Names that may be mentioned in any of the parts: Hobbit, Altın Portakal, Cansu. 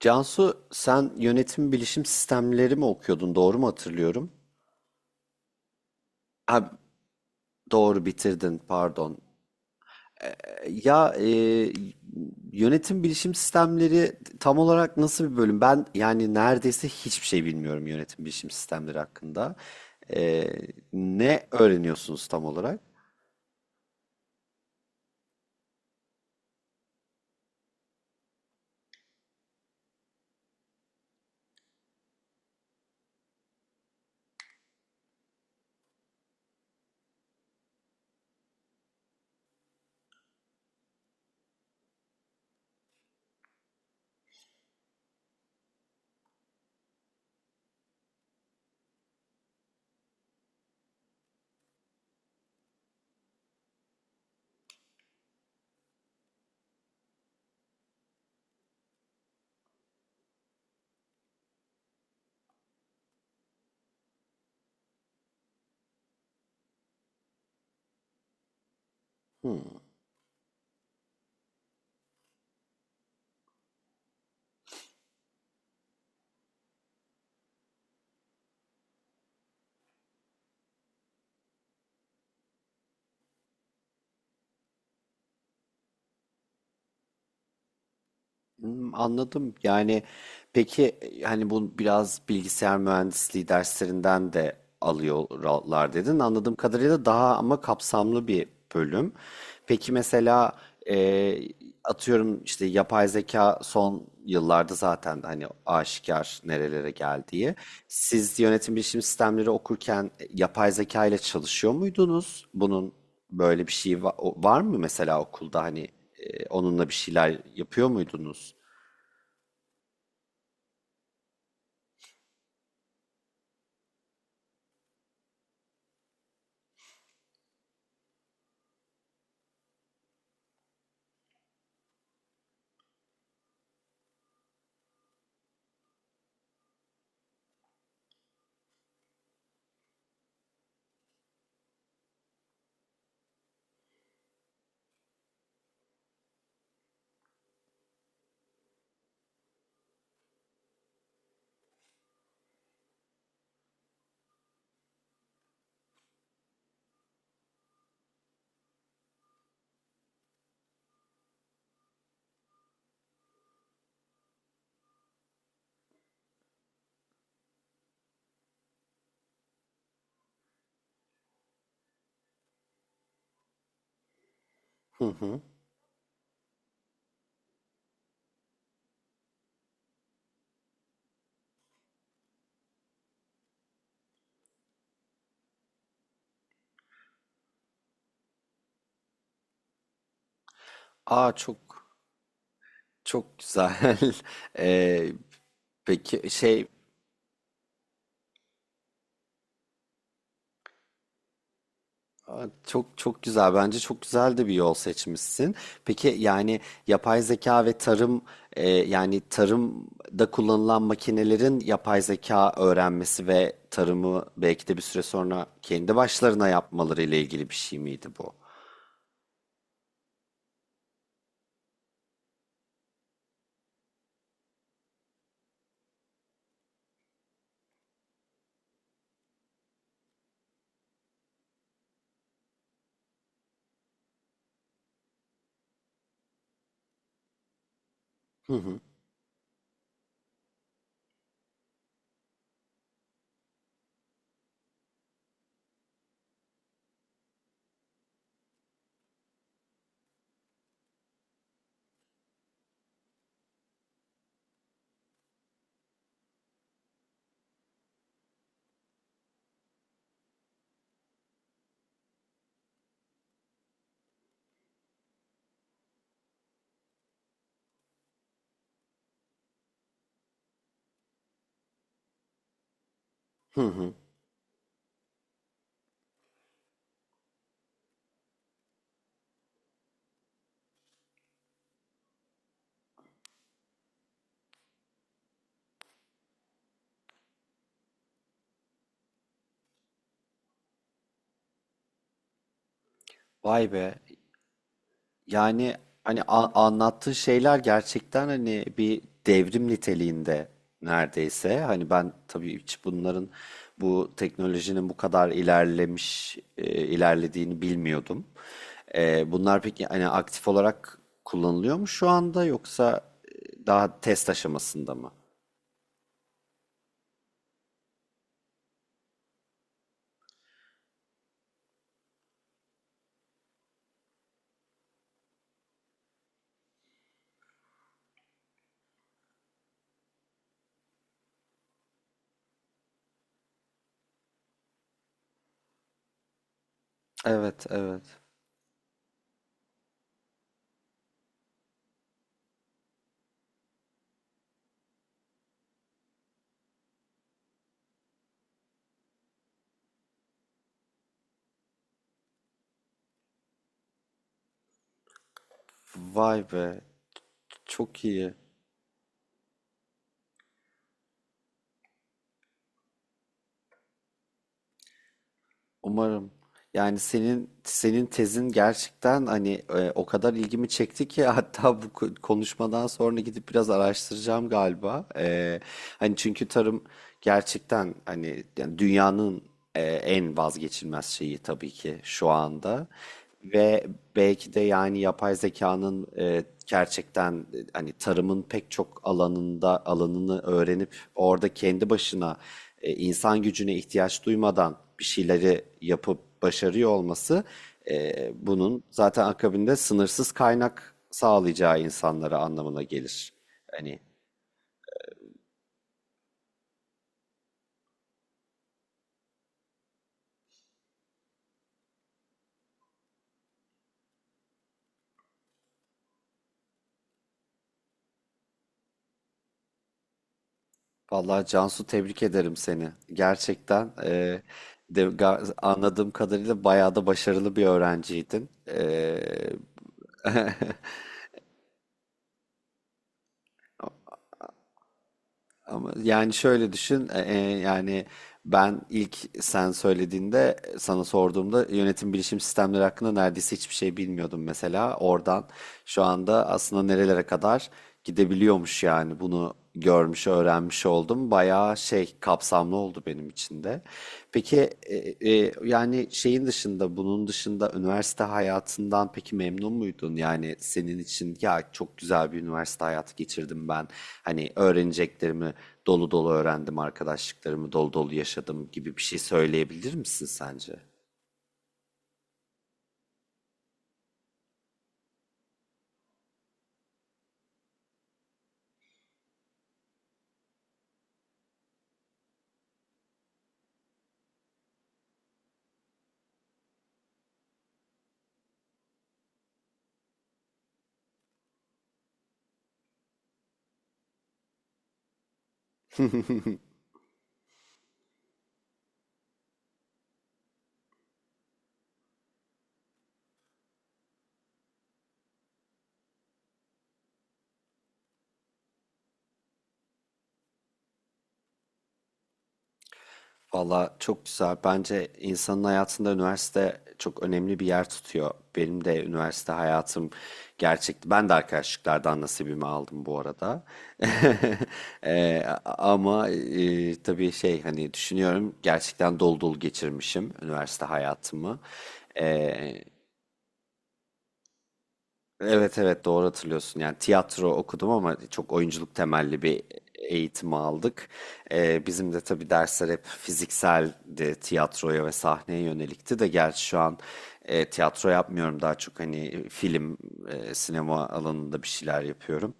Cansu, sen yönetim bilişim sistemleri mi okuyordun, doğru mu hatırlıyorum? Ha, doğru bitirdin, pardon. E, Ya e, Yönetim bilişim sistemleri tam olarak nasıl bir bölüm? Ben yani neredeyse hiçbir şey bilmiyorum yönetim bilişim sistemleri hakkında. E, Ne öğreniyorsunuz tam olarak? Hmm. Hmm, anladım. Yani peki, hani bu biraz bilgisayar mühendisliği derslerinden de alıyorlar dedin. Anladığım kadarıyla daha ama kapsamlı bir bölüm. Peki mesela, e, atıyorum işte yapay zeka son yıllarda zaten hani aşikar nerelere geldiği. Siz yönetim bilişim sistemleri okurken, yapay zeka ile çalışıyor muydunuz? Bunun böyle bir şeyi var mı mesela okulda, hani, onunla bir şeyler yapıyor muydunuz? Hı hı. Aa, çok çok güzel. Ee, peki şey Aa, çok çok güzel. Bence çok güzel de bir yol seçmişsin. Peki yani, yapay zeka ve tarım, yani tarımda kullanılan makinelerin yapay zeka öğrenmesi ve tarımı belki de bir süre sonra kendi başlarına yapmaları ile ilgili bir şey miydi bu? Hı hı. Hı hı. Vay be. Yani hani anlattığı şeyler gerçekten hani bir devrim niteliğinde neredeyse. Hani ben tabii hiç bunların, bu teknolojinin bu kadar ilerlemiş, ilerlediğini bilmiyordum. Bunlar peki hani aktif olarak kullanılıyor mu şu anda, yoksa daha test aşamasında mı? Evet, evet. Vay be. Çok iyi. Umarım. Yani senin tezin gerçekten hani, o kadar ilgimi çekti ki hatta bu konuşmadan sonra gidip biraz araştıracağım galiba. Hani çünkü tarım gerçekten hani yani dünyanın, en vazgeçilmez şeyi tabii ki şu anda. Ve belki de yani yapay zekanın, gerçekten, hani tarımın pek çok alanında alanını öğrenip orada kendi başına, insan gücüne ihtiyaç duymadan bir şeyleri yapıp başarıyor olması, bunun zaten akabinde sınırsız kaynak sağlayacağı insanlara anlamına gelir. Hani vallahi Cansu, tebrik ederim seni. Gerçekten, anladığım kadarıyla bayağı da başarılı bir öğrenciydin. Ama yani şöyle düşün, yani ben ilk sen söylediğinde sana sorduğumda yönetim bilişim sistemleri hakkında neredeyse hiçbir şey bilmiyordum mesela. Oradan şu anda aslında nerelere kadar gidebiliyormuş yani, bunu görmüş, öğrenmiş oldum. Bayağı şey kapsamlı oldu benim içinde. Peki, yani şeyin dışında, bunun dışında üniversite hayatından peki memnun muydun? Yani senin için "ya çok güzel bir üniversite hayatı geçirdim ben. Hani öğreneceklerimi dolu dolu öğrendim, arkadaşlıklarımı dolu dolu yaşadım" gibi bir şey söyleyebilir misin sence? Valla çok güzel. Bence insanın hayatında üniversite çok önemli bir yer tutuyor. Benim de üniversite hayatım gerçekti. Ben de arkadaşlıklardan nasibimi aldım bu arada. Ama tabii şey hani, düşünüyorum, gerçekten dolu dolu geçirmişim üniversite hayatımı. Ee, Evet evet, doğru hatırlıyorsun. Yani tiyatro okudum ama çok oyunculuk temelli bir eğitimi aldık. Bizim de tabii dersler hep fizikseldi, tiyatroya ve sahneye yönelikti de, gerçi şu an tiyatro yapmıyorum, daha çok hani film, sinema alanında bir şeyler yapıyorum.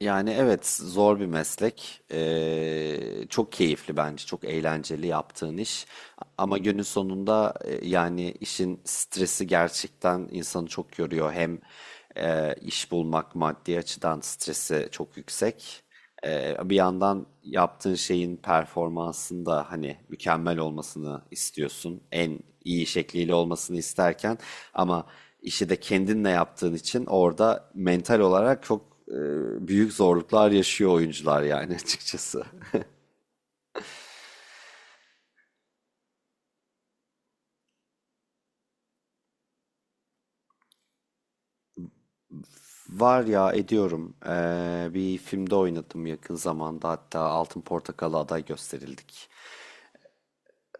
Yani evet, zor bir meslek. Çok keyifli bence. Çok eğlenceli yaptığın iş. Ama günün sonunda, yani işin stresi gerçekten insanı çok yoruyor. Hem iş bulmak maddi açıdan stresi çok yüksek. Bir yandan yaptığın şeyin performansında hani mükemmel olmasını istiyorsun. En iyi şekliyle olmasını isterken, ama işi de kendinle yaptığın için orada mental olarak çok, e, büyük zorluklar yaşıyor oyuncular yani açıkçası. Var ya, ediyorum. Bir filmde oynadım yakın zamanda, hatta Altın Portakal'a aday gösterildik.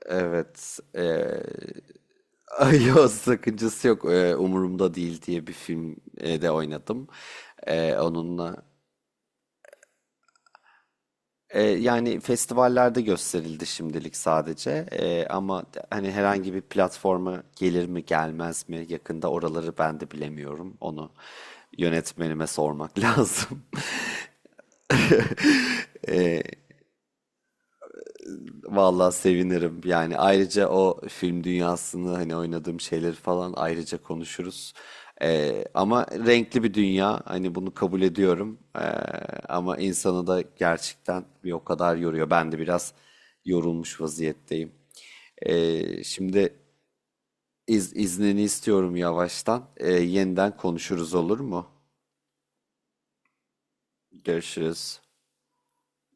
Evet. Ay, yok, sakıncası yok. Umurumda Değil diye bir filmde oynadım, onunla. Yani festivallerde gösterildi şimdilik sadece. Ama hani herhangi bir platforma gelir mi gelmez mi yakında, oraları ben de bilemiyorum, onu yönetmenime sormak lazım. Vallahi sevinirim. Yani ayrıca o film dünyasını, hani oynadığım şeyleri falan ayrıca konuşuruz. Ama renkli bir dünya. Hani bunu kabul ediyorum. Ama insanı da gerçekten bir o kadar yoruyor. Ben de biraz yorulmuş vaziyetteyim. Şimdi iznini istiyorum yavaştan. Yeniden konuşuruz, olur mu? Görüşürüz.